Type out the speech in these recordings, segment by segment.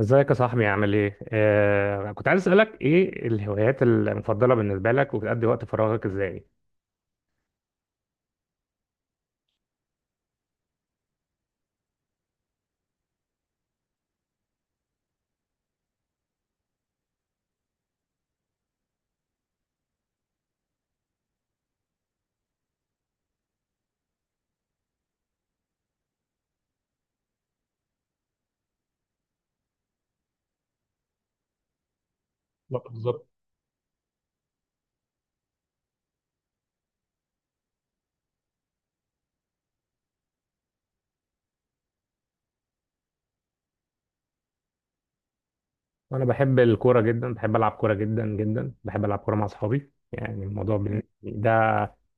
ازيك يا صاحبي؟ عامل ايه؟ كنت عايز اسألك ايه الهوايات المفضلة بالنسبة لك، وبتقضي وقت فراغك ازاي؟ لا، بالظبط. وانا بحب الكورة جدا، بحب العب كورة جدا جدا، بحب العب كورة مع اصحابي. يعني الموضوع ده،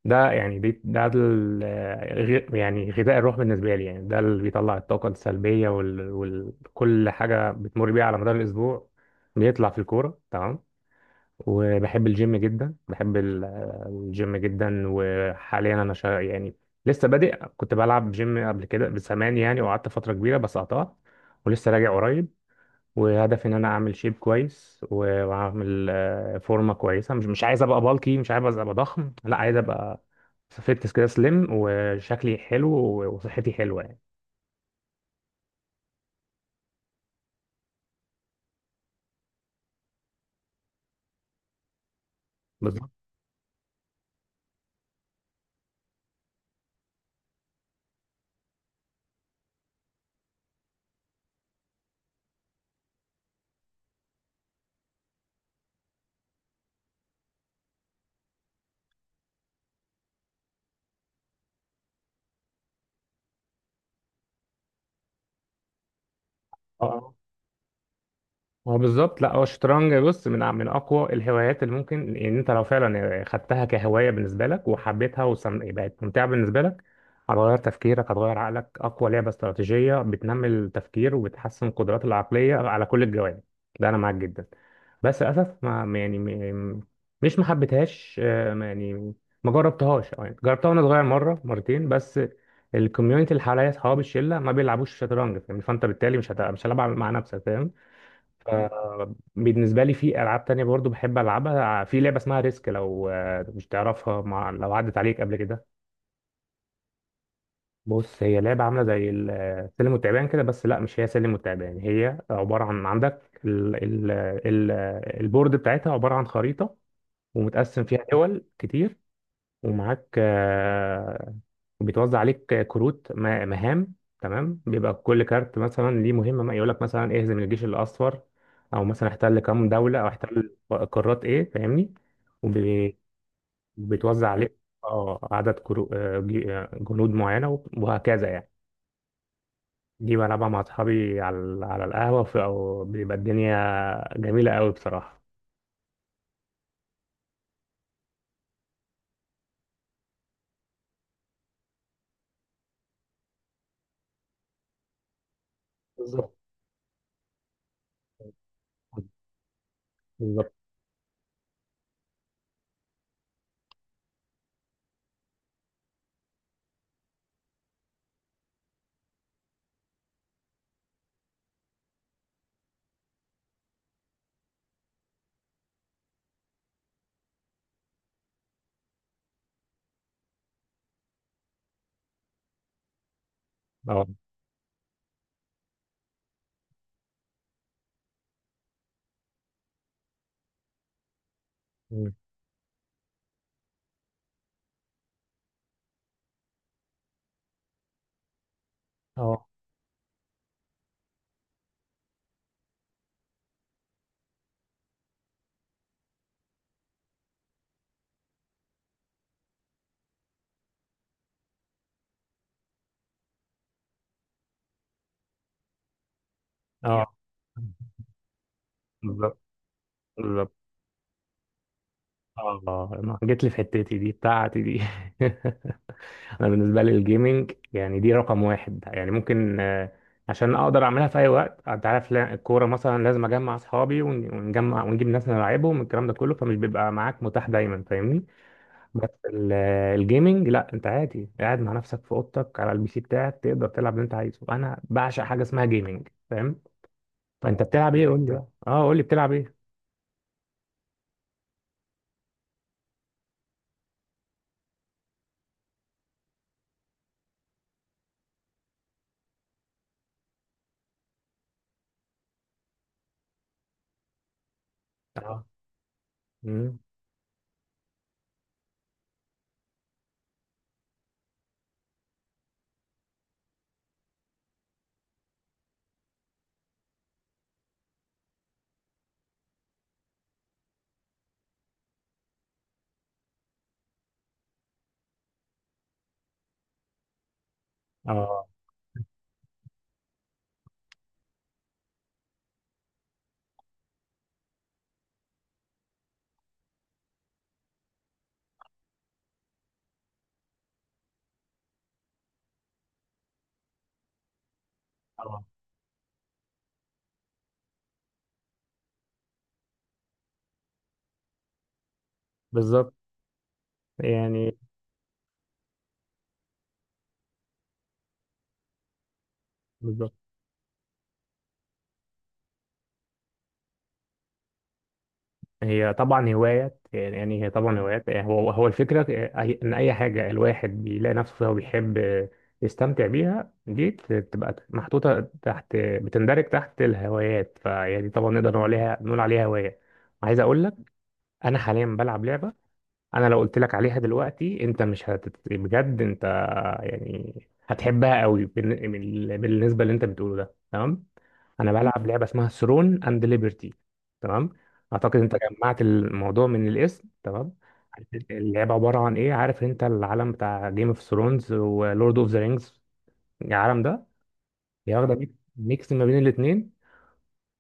يعني دي- ده ال- آه، غ- يعني غذاء الروح بالنسبة لي. يعني ده اللي بيطلع الطاقة السلبية وكل حاجة بتمر بيها على مدار الاسبوع، بيطلع في الكورة. تمام. وبحب الجيم جدا، بحب الجيم جدا. وحاليا انا يعني لسه بادئ. كنت بلعب جيم قبل كده بزمان يعني، وقعدت فترة كبيرة بس قطعت، ولسه راجع قريب. وهدفي ان انا اعمل شيب كويس، و- واعمل فورمة كويسة. مش عايز ابقى بالكي، مش عايز ابقى ضخم، لا، عايز ابقى فيتنس كده، سليم وشكلي حلو وصحتي حلوة يعني. بالظبط. اه، هو بالظبط. لا، هو الشطرنج، بص، من اقوى الهوايات اللي ممكن ان يعني انت لو فعلا خدتها كهوايه بالنسبه لك وحبيتها وبقت ممتعه بالنسبه لك، هتغير تفكيرك، هتغير عقلك. اقوى لعبه استراتيجيه بتنمي التفكير وبتحسن القدرات العقليه على كل الجوانب. ده انا معاك جدا. بس للاسف ما يعني مش ما حبيتهاش آه، ما- يعني ما جربتهاش، أو يعني جربتها وانا صغير مره مرتين بس. الكوميونتي اللي حواليا، اصحابي الشله، ما بيلعبوش شطرنج، فاهم؟ فانت بالتالي مش هتلعب مع نفسك، فاهم. بالنسبة لي في ألعاب تانية برضو بحب ألعبها. في لعبة اسمها ريسك، لو مش تعرفها، لو عدت عليك قبل كده. بص، هي لعبة عاملة زي السلم والتعبان كده، بس لا، مش هي سلم والتعبان. هي عبارة عن عندك ال ال ال البورد بتاعتها عبارة عن خريطة، ومتقسم فيها دول كتير، ومعاك بيتوزع عليك كروت مهام. تمام، بيبقى كل كارت مثلا ليه مهمة، يقول لك مثلا اهزم الجيش الأصفر، أو مثلا احتل كام دولة، أو احتل قارات إيه، فاهمني. وبيتوزع عليك اه عدد كرو... آه، جي- آه، جنود معينة، وهكذا يعني. دي بلعبها مع أصحابي على على القهوة، في أو بيبقى الدنيا جميلة قوي بصراحة. بالظبط. بالظبط. اه، اه. اه. بالظبط. بالظبط. اه، ما جيت لي في حتتي دي بتاعتي دي. انا بالنسبه لي الجيمنج يعني دي رقم واحد يعني، ممكن عشان اقدر اعملها في اي وقت. انت عارف، الكوره مثلا لازم اجمع اصحابي ون- ونجمع ونجيب ناس نلعبهم، الكلام ده كله، فمش بيبقى معاك متاح دايما، فاهمني. بس الجيمنج لا، انت عادي قاعد مع نفسك في اوضتك على البي سي بتاعك، تقدر تلعب اللي انت عايزه. انا بعشق حاجه اسمها جيمنج، فاهم. فانت بتلعب ايه؟ قول لي بقى. اه، قول لي بتلعب ايه. اه. مم. اه، اه. بالظبط. يعني هي طبعا هوايات، يعني هي طبعا هوايات. يعني هو، هو الفكرة، إن أي حاجة الواحد بيلاقي نفسه فيها وبيحب يستمتع بيها، دي بتبقى محطوطة تحت، بتندرج تحت الهوايات، فهي دي طبعا نقدر نقول عليها، نقول عليها هواية. عايز أقول لك، أنا حاليا بلعب لعبة، أنا لو قلت لك عليها دلوقتي أنت مش هتت... بجد أنت يعني هتحبها قوي. بالنسبه اللي انت بتقوله ده، تمام. انا بلعب لعبه اسمها ثرون اند ليبرتي. تمام. اعتقد انت جمعت الموضوع من الاسم. تمام. اللعبه عباره عن ايه؟ عارف انت العالم بتاع جيم اوف ثرونز ولورد اوف ذا رينجز، العالم ده؟ هي واخده ميكس ما بين الاثنين.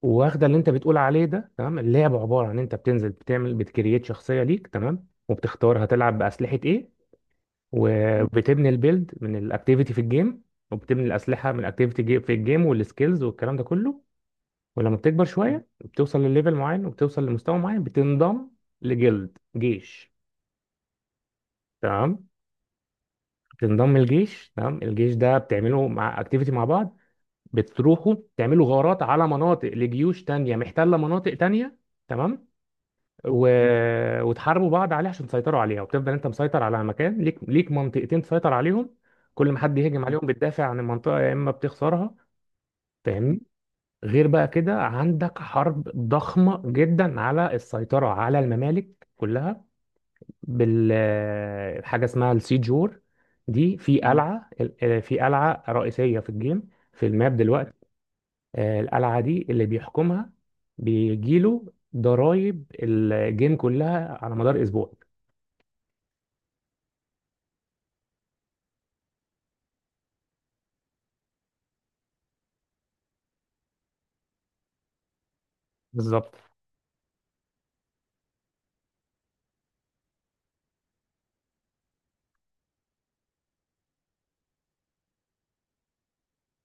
واخده اللي انت بتقول عليه ده، تمام. اللعبه عباره عن انت بتنزل بتعمل بتكريت شخصيه ليك، تمام، وبتختار هتلعب باسلحه ايه، وبتبني البيلد من الاكتيفيتي في الجيم، وبتبني الاسلحه من الاكتيفيتي في الجيم، والسكيلز والكلام ده كله. ولما بتكبر شويه بتوصل لليفل معين وبتوصل لمستوى معين، بتنضم لجلد جيش، تمام. بتنضم الجيش، تمام. الجيش ده بتعمله مع اكتيفيتي مع بعض، بتروحوا تعملوا غارات على مناطق لجيوش تانية محتلة مناطق تانية، تمام، و... وتحاربوا بعض عليه عشان تسيطروا عليها. وبتفضل انت مسيطر على مكان ليك، ليك منطقتين تسيطر عليهم، كل ما حد يهجم عليهم بتدافع عن المنطقة، يا اما بتخسرها، فاهمني. غير بقى كده عندك حرب ضخمة جدا على السيطرة على الممالك كلها، بال حاجة اسمها السيج وور. دي في قلعة في قلعة رئيسية في الجيم في الماب دلوقتي. القلعة دي اللي بيحكمها، بيجيله ضرايب الجيم كلها على مدار اسبوع. بالظبط.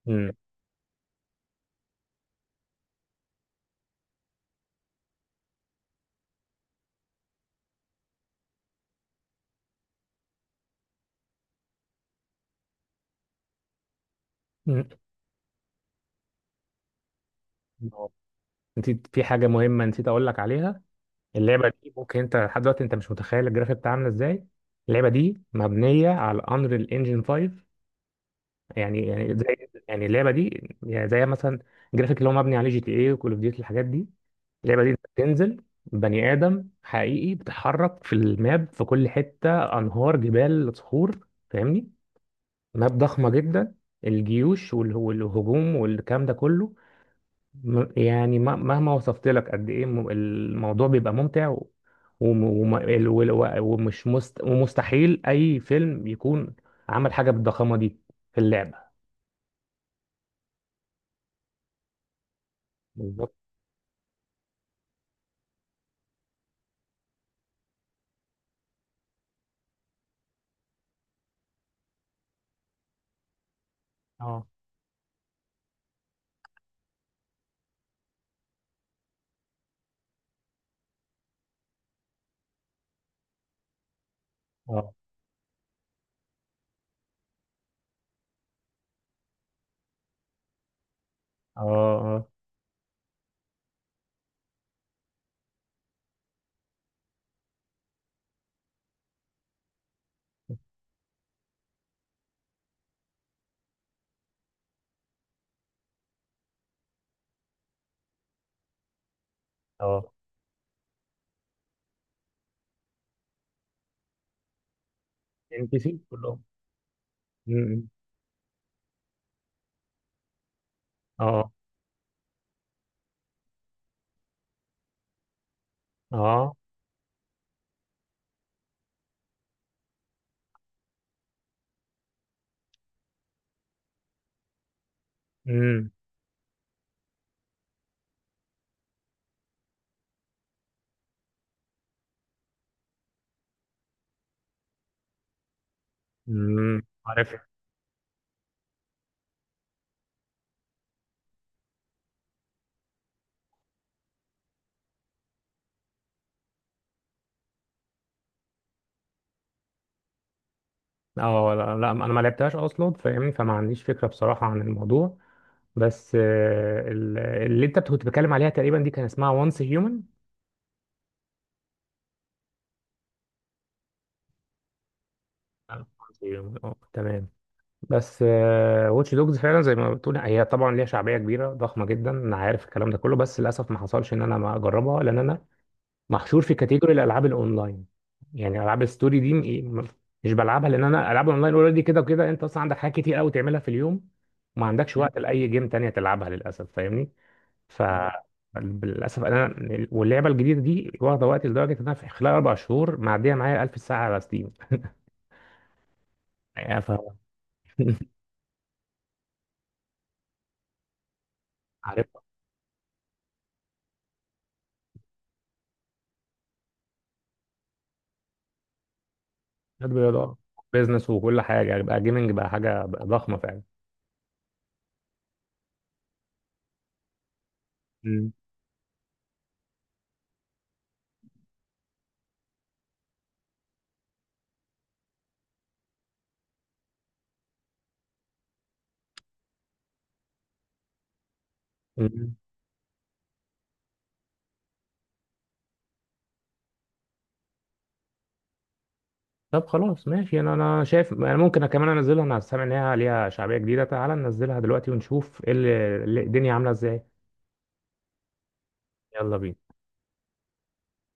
مم. مم. نسيت في حاجه مهمه نسيت اقول لك عليها. اللعبه دي ممكن انت لحد دلوقتي انت مش متخيل الجرافيك بتاعها عامله ازاي. اللعبه دي مبنيه على انريل انجن 5. يعني، يعني زي، يعني اللعبه دي يعني زي مثلا الجرافيك اللي هو مبني عليه جي تي اي وكول اوف ديوتي، الحاجات دي. اللعبه دي انت بتنزل بني ادم حقيقي بتتحرك في الماب في كل حته، انهار، جبال، صخور، فاهمني. ماب ضخمه جدا، الجيوش والهجوم والكلام ده كله. يعني مهما وصفت لك قد ايه، الموضوع بيبقى ممتع، و- وم- وم- ال- وال- و- ومش مست ومستحيل اي فيلم يكون عمل حاجه بالضخامه دي في اللعبه. بالظبط. اه. اه. اه. اه. اه. ام بي سي كلهم. م- م. اه. اه. امم. امم، عارف. اه، لا، لا، انا ما لعبتهاش اصلا، فاهمني، فما عنديش فكره بصراحه عن الموضوع. بس اللي انت كنت بتتكلم عليها تقريبا دي كان اسمها وانس هيومن. عظيم. تمام. بس واتش دوجز فعلا زي ما بتقول، هي طبعا ليها شعبيه كبيره ضخمه جدا، انا عارف الكلام ده كله، بس للاسف ما حصلش ان انا ما اجربها، لان انا محشور في كاتيجوري الالعاب الاونلاين. يعني العاب الستوري دي م- مش بلعبها، لان انا العاب الاونلاين اوريدي كده وكده انت اصلا عندك حاجات كتير قوي تعملها في اليوم، وما عندكش وقت لاي جيم تانية تلعبها، للاسف، فاهمني. ف مم. للاسف انا، واللعبه الجديده دي واخده وقت، لدرجه ان انا في خلال 4 شهور معديه معايا 1,000 ساعه على ستيم. عارف. نادي رياضة، بيزنس، وكل حاجة يعني، بقى جيمنج بقى حاجة، بقى ضخمة فعلا. مم. مم. طب خلاص، ماشي. انا، انا شايف انا ممكن كمان انزلها، انا سامع ان هي ليها شعبية جديدة. تعالى ننزلها دلوقتي ونشوف ايه الدنيا عاملة ازاي. يلا بينا.